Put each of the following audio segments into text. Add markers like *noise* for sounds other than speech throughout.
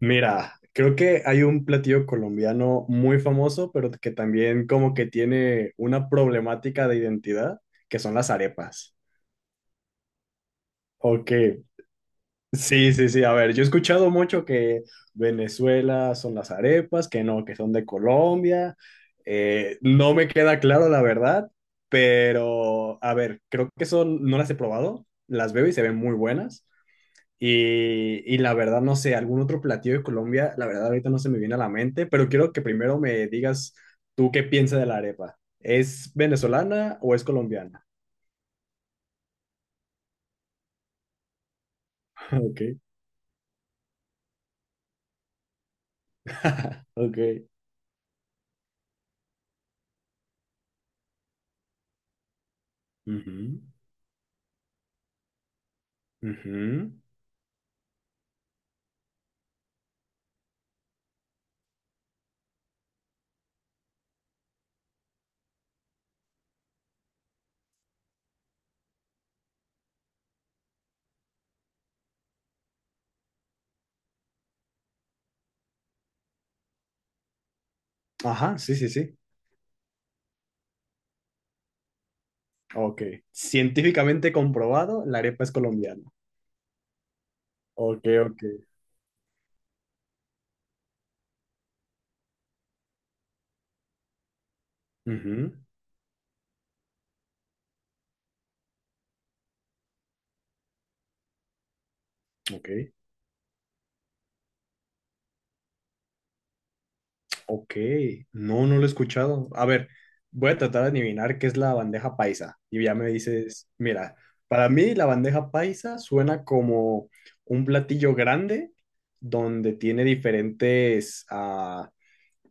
Mira, creo que hay un platillo colombiano muy famoso, pero que también como que tiene una problemática de identidad, que son las arepas. Ok, sí, sí, sí, a ver, yo he escuchado mucho que Venezuela son las arepas, que no, que son de Colombia. No me queda claro la verdad, pero a ver, creo que son, no las he probado, las veo y se ven muy buenas. Y la verdad, no sé, algún otro platillo de Colombia, la verdad ahorita no se me viene a la mente, pero quiero que primero me digas tú qué piensas de la arepa. ¿Es venezolana o es colombiana? *laughs* Ok. *laughs* Ok. Ujú, ujú. Ajá, sí, sí, sí. Ok. Científicamente comprobado, la arepa es colombiana. Ok, ok. Ujú, ok. Ok, no, no lo he escuchado. A ver, voy a tratar de adivinar qué es la bandeja paisa. Y ya me dices, mira, para mí la bandeja paisa suena como un platillo grande donde tiene diferentes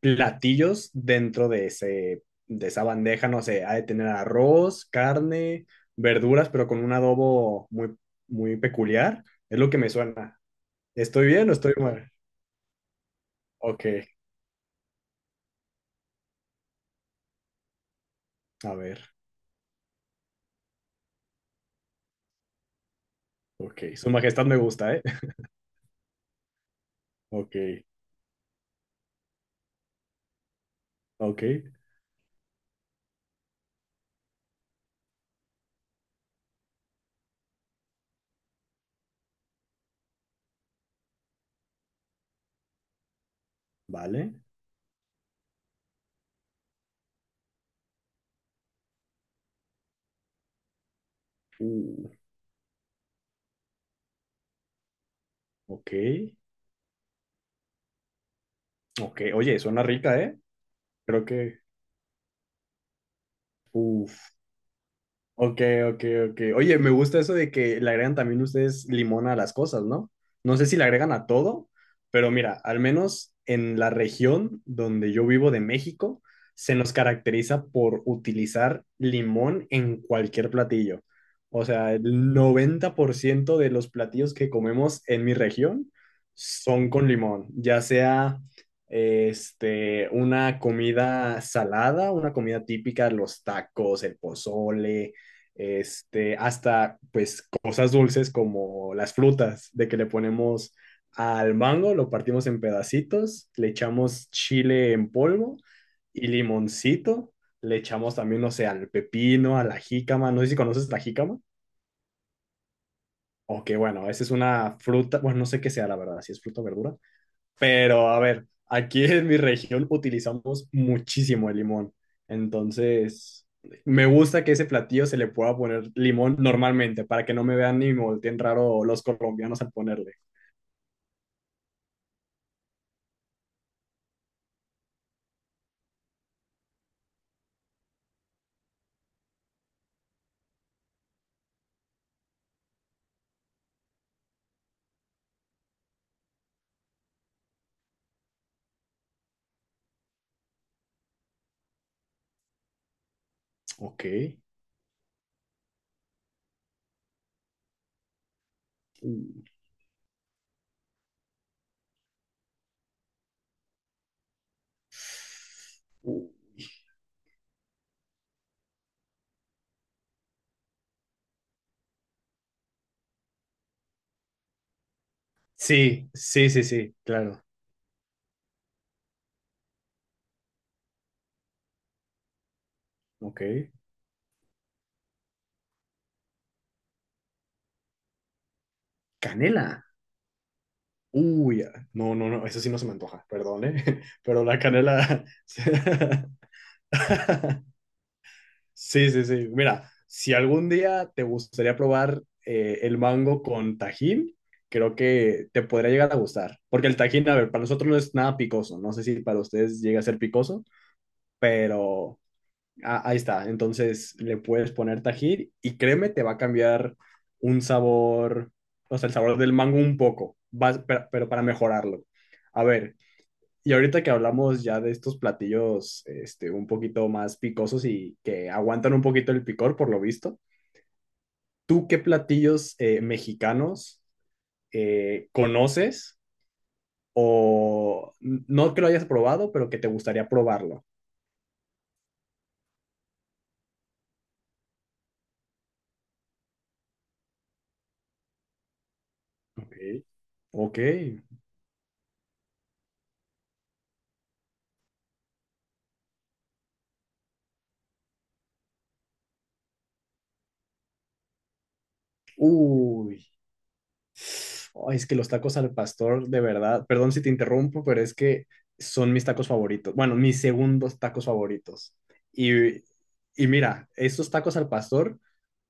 platillos dentro de ese, de esa bandeja. No sé, ha de tener arroz, carne, verduras, pero con un adobo muy, muy peculiar. Es lo que me suena. ¿Estoy bien o estoy mal? Ok, a ver. Ok, su majestad me gusta, ¿eh? Ok, ok, vale. Uh, ok, ok. Oye, suena rica, ¿eh? Creo que... Uf. Ok, ok, ok. Oye, me gusta eso de que le agregan también ustedes limón a las cosas, ¿no? No sé si le agregan a todo, pero mira, al menos en la región donde yo vivo de México, se nos caracteriza por utilizar limón en cualquier platillo. O sea, el 90% de los platillos que comemos en mi región son con limón, ya sea una comida salada, una comida típica, los tacos, el pozole hasta pues cosas dulces como las frutas, de que le ponemos al mango, lo partimos en pedacitos, le echamos chile en polvo y limoncito, le echamos también, no sé, al pepino, a la jícama, no sé si conoces la jícama, o que bueno, esa es una fruta, bueno, no sé qué sea la verdad, si es fruta o verdura, pero a ver, aquí en mi región utilizamos muchísimo el limón. Entonces, me gusta que ese platillo se le pueda poner limón normalmente, para que no me vean ni me volteen raro los colombianos al ponerle. Ok. Mm. Uh, sí, sí, sí, sí, claro. Ok. Canela. Uy, ah, no, no, no, eso sí no se me antoja, perdón, ¿eh? *laughs* Pero la canela. *laughs* Sí, sí, sí. Mira, si algún día te gustaría probar el mango con tajín, creo que te podría llegar a gustar. Porque el tajín, a ver, para nosotros no es nada picoso. No sé si para ustedes llega a ser picoso, pero ahí está. Entonces le puedes poner tajín y créeme, te va a cambiar un sabor, o sea, el sabor del mango un poco, pero para mejorarlo. A ver, y ahorita que hablamos ya de estos platillos un poquito más picosos y que aguantan un poquito el picor, por lo visto, ¿tú qué platillos mexicanos conoces o no que lo hayas probado, pero que te gustaría probarlo? Ok. Ok. Uy. Ay, es que los tacos al pastor, de verdad, perdón si te interrumpo, pero es que son mis tacos favoritos. Bueno, mis segundos tacos favoritos. Y, y mira, estos tacos al pastor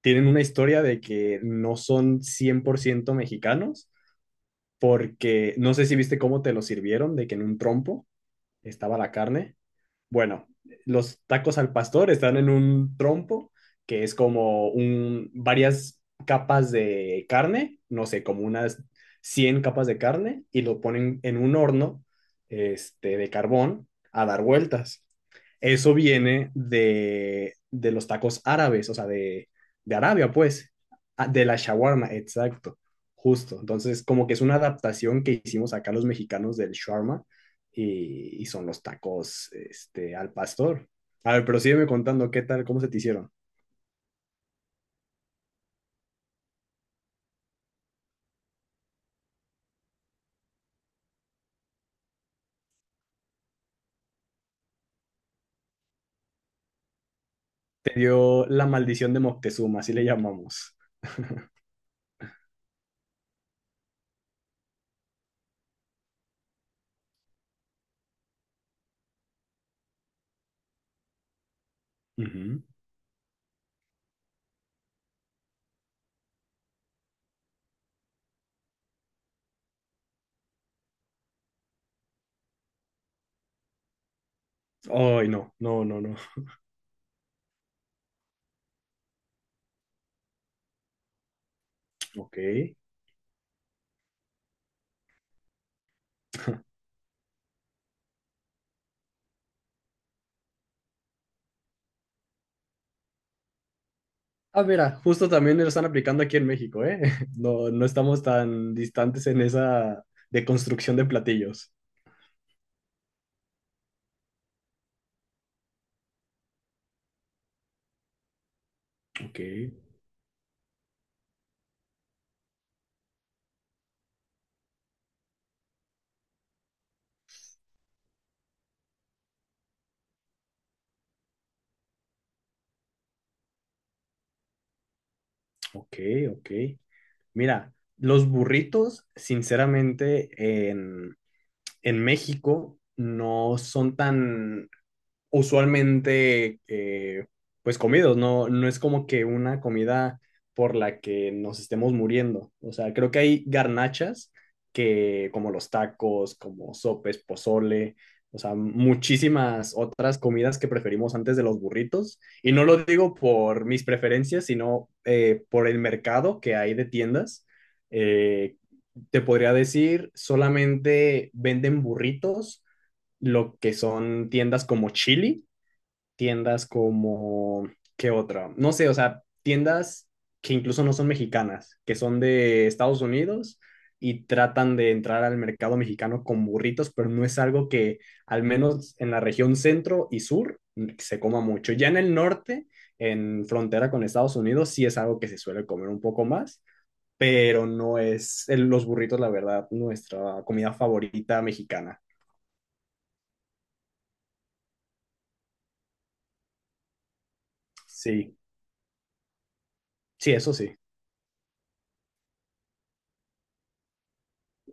tienen una historia de que no son 100% mexicanos, porque no sé si viste cómo te lo sirvieron, de que en un trompo estaba la carne bueno, los tacos al pastor están en un trompo que es como un, varias capas de carne, no sé, como unas 100 capas de carne y lo ponen en un horno de carbón a dar vueltas. Eso viene de los tacos árabes, o sea, de Arabia, pues, ah, de la shawarma, exacto, justo. Entonces, como que es una adaptación que hicimos acá los mexicanos del shawarma y son los tacos al pastor. A ver, pero sígueme contando qué tal, cómo se te hicieron. Te dio la maldición de Moctezuma, así le llamamos. Ujú. Ay, no, no, no, no. Ok. Ah, mira, justo también lo están aplicando aquí en México, ¿eh? *laughs* No, no estamos tan distantes en esa de construcción de platillos. Ok, ok, ok. Mira, los burritos, sinceramente, en México no son tan usualmente pues comidos, no, no es como que una comida por la que nos estemos muriendo. O sea, creo que hay garnachas que como los tacos, como sopes, pozole, o sea, muchísimas otras comidas que preferimos antes de los burritos. Y no lo digo por mis preferencias, sino por el mercado que hay de tiendas. Eh, Te podría decir, solamente venden burritos lo que son tiendas como Chili tiendas como, ¿qué otra? No sé, o sea, tiendas que incluso no son mexicanas, que son de Estados Unidos y tratan de entrar al mercado mexicano con burritos, pero no es algo que al menos en la región centro y sur se coma mucho. Ya en el norte, en frontera con Estados Unidos, sí es algo que se suele comer un poco más, pero no es los burritos, la verdad, nuestra comida favorita mexicana. Sí, sí, eso sí.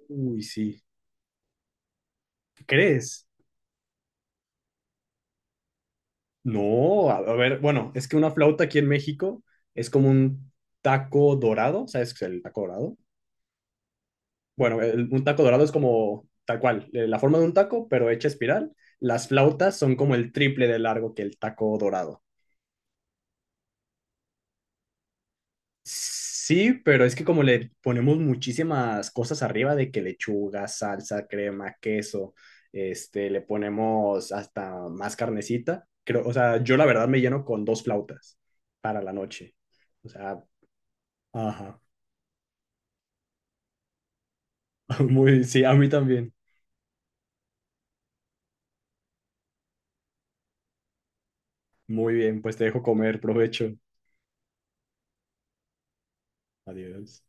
Uy, sí. ¿Crees? No, a ver, bueno, es que una flauta aquí en México es como un taco dorado, ¿sabes qué es el taco dorado? Bueno, un taco dorado es como tal cual, la forma de un taco, pero hecha espiral. Las flautas son como el triple de largo que el taco dorado. Sí, pero es que como le ponemos muchísimas cosas arriba de que lechuga, salsa, crema, queso, le ponemos hasta más carnecita. Creo, o sea, yo la verdad me lleno con dos flautas para la noche. O sea, ajá. *laughs* Muy, sí, a mí también. Muy bien, pues te dejo comer, provecho. Adiós.